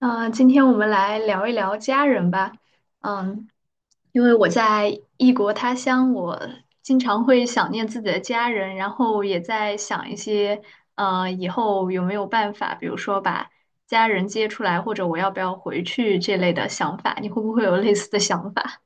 今天我们来聊一聊家人吧。嗯，因为我在异国他乡，我经常会想念自己的家人，然后也在想一些，以后有没有办法，比如说把家人接出来，或者我要不要回去这类的想法。你会不会有类似的想法？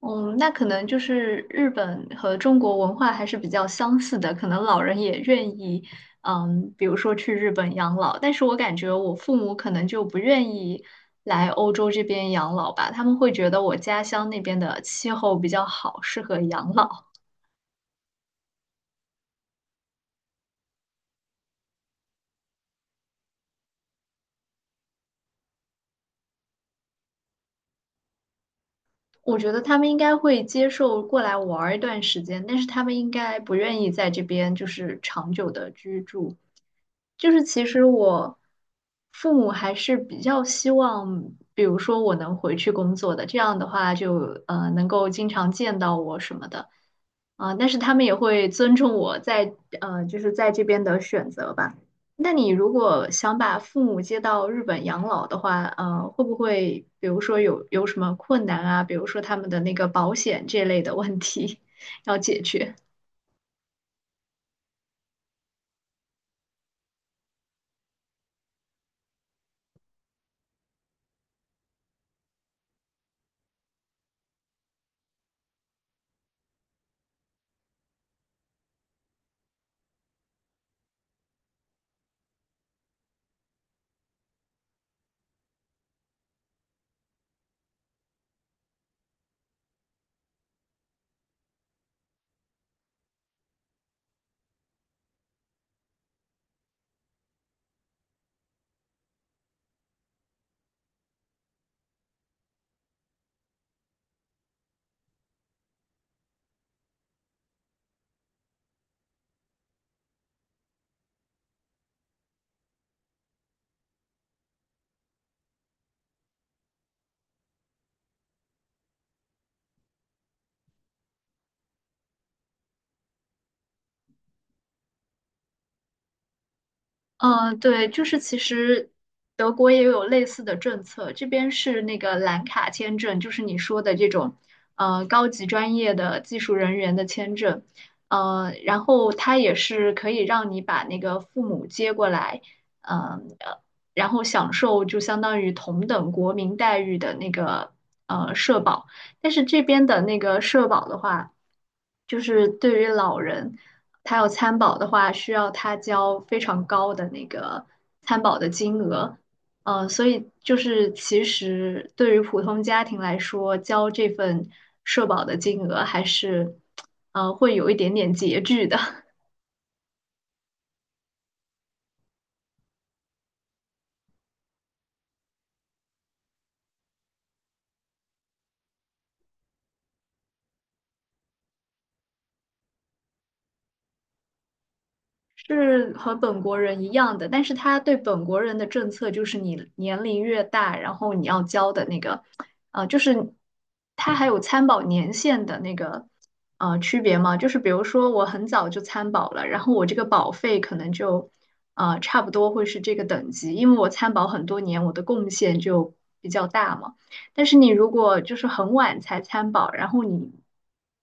嗯，那可能就是日本和中国文化还是比较相似的，可能老人也愿意，比如说去日本养老，但是我感觉我父母可能就不愿意来欧洲这边养老吧，他们会觉得我家乡那边的气候比较好，适合养老。我觉得他们应该会接受过来玩儿一段时间，但是他们应该不愿意在这边就是长久的居住。就是其实我父母还是比较希望，比如说我能回去工作的，这样的话就能够经常见到我什么的，啊，但是他们也会尊重我在就是在这边的选择吧。那你如果想把父母接到日本养老的话，会不会比如说有什么困难啊？比如说他们的那个保险这类的问题 要解决？嗯，对，就是其实德国也有类似的政策，这边是那个蓝卡签证，就是你说的这种，高级专业的技术人员的签证，然后它也是可以让你把那个父母接过来，嗯，呃，然后享受就相当于同等国民待遇的那个社保，但是这边的那个社保的话，就是对于老人。他要参保的话，需要他交非常高的那个参保的金额。所以就是其实对于普通家庭来说，交这份社保的金额还是，会有一点点拮据的。是和本国人一样的，但是他对本国人的政策就是你年龄越大，然后你要交的那个，就是他还有参保年限的那个区别嘛，就是比如说我很早就参保了，然后我这个保费可能就差不多会是这个等级，因为我参保很多年，我的贡献就比较大嘛。但是你如果就是很晚才参保，然后你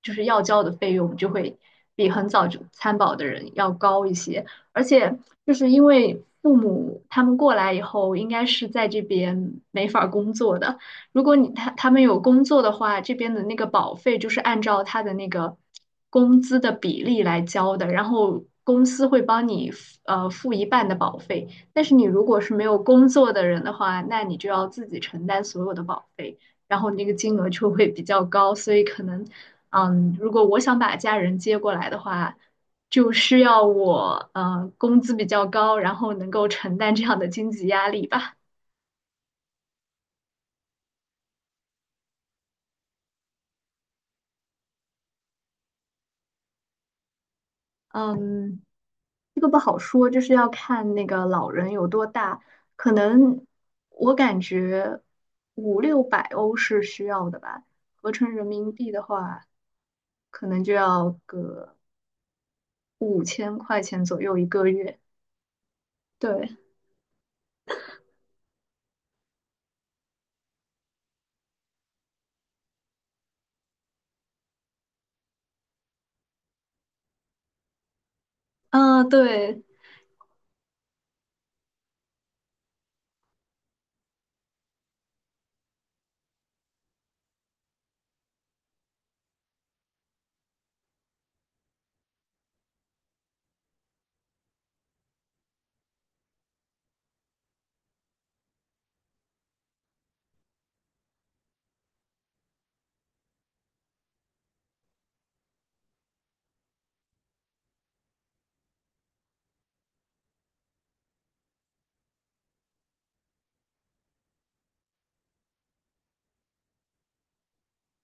就是要交的费用就会比很早就参保的人要高一些，而且就是因为父母他们过来以后，应该是在这边没法儿工作的。如果他们有工作的话，这边的那个保费就是按照他的那个工资的比例来交的，然后公司会帮你付一半的保费。但是你如果是没有工作的人的话，那你就要自己承担所有的保费，然后那个金额就会比较高，所以可能，如果我想把家人接过来的话，就需要我工资比较高，然后能够承担这样的经济压力吧。嗯，这个不好说，就是要看那个老人有多大，可能我感觉五六百欧是需要的吧，合成人民币的话，可能就要个。5000块钱左右一个月。对，嗯，对，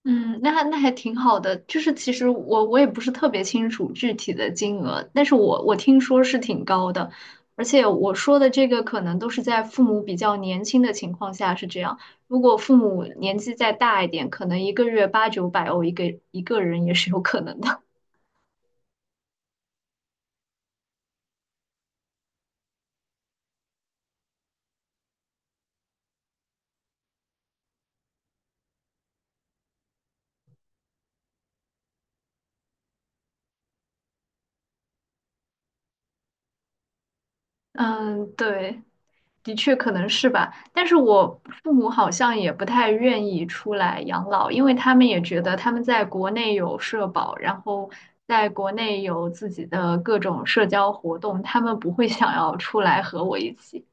嗯，那还挺好的。就是其实我也不是特别清楚具体的金额，但是我听说是挺高的，而且我说的这个可能都是在父母比较年轻的情况下是这样。如果父母年纪再大一点，可能一个月八九百欧一个人也是有可能的。嗯，对，的确可能是吧，但是我父母好像也不太愿意出来养老，因为他们也觉得他们在国内有社保，然后在国内有自己的各种社交活动，他们不会想要出来和我一起。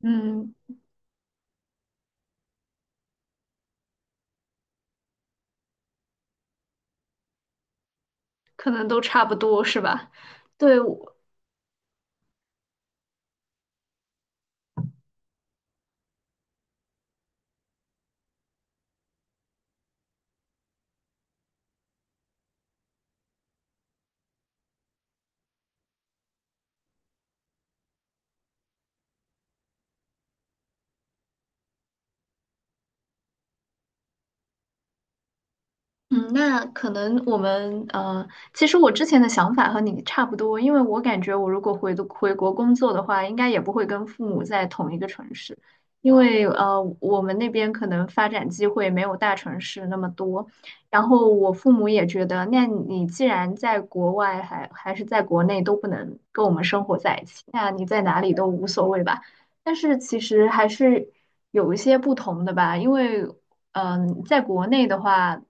嗯，可能都差不多是吧？对，我。嗯，那可能我们其实我之前的想法和你差不多，因为我感觉我如果回国工作的话，应该也不会跟父母在同一个城市，因为我们那边可能发展机会没有大城市那么多。然后我父母也觉得，那你既然在国外还是在国内都不能跟我们生活在一起，那你在哪里都无所谓吧。但是其实还是有一些不同的吧，因为。在国内的话，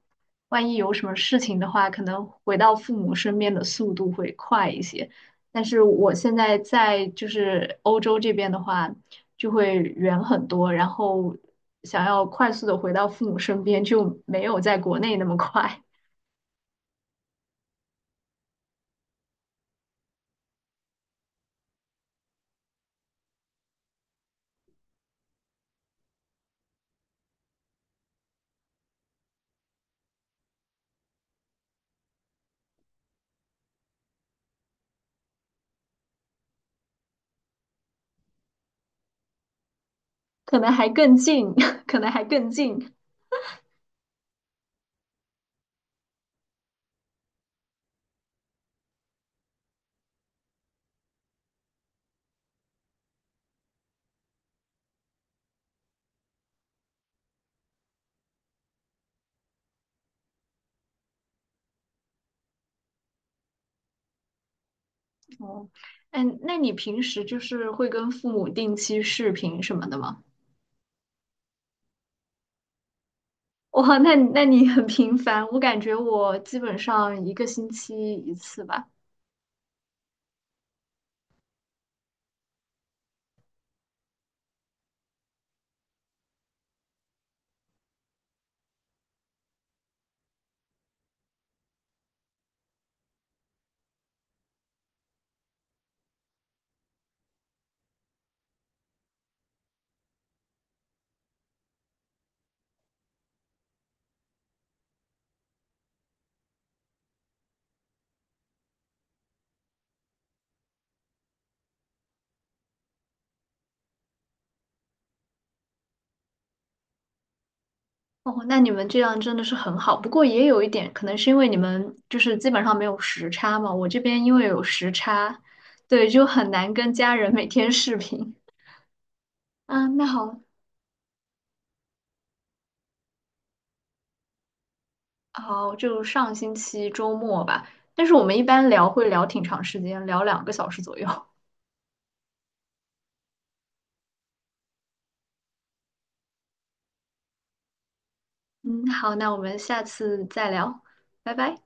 万一有什么事情的话，可能回到父母身边的速度会快一些。但是我现在在就是欧洲这边的话，就会远很多，然后想要快速的回到父母身边，就没有在国内那么快，可能还更近，可能还更近。哦，哎，那你平时就是会跟父母定期视频什么的吗？哇，那你很频繁，我感觉我基本上一个星期一次吧。哦，那你们这样真的是很好，不过也有一点，可能是因为你们就是基本上没有时差嘛。我这边因为有时差，对，就很难跟家人每天视频。嗯，那好，好，就上星期周末吧。但是我们一般聊会聊挺长时间，聊2个小时左右。嗯，好，那我们下次再聊，拜拜。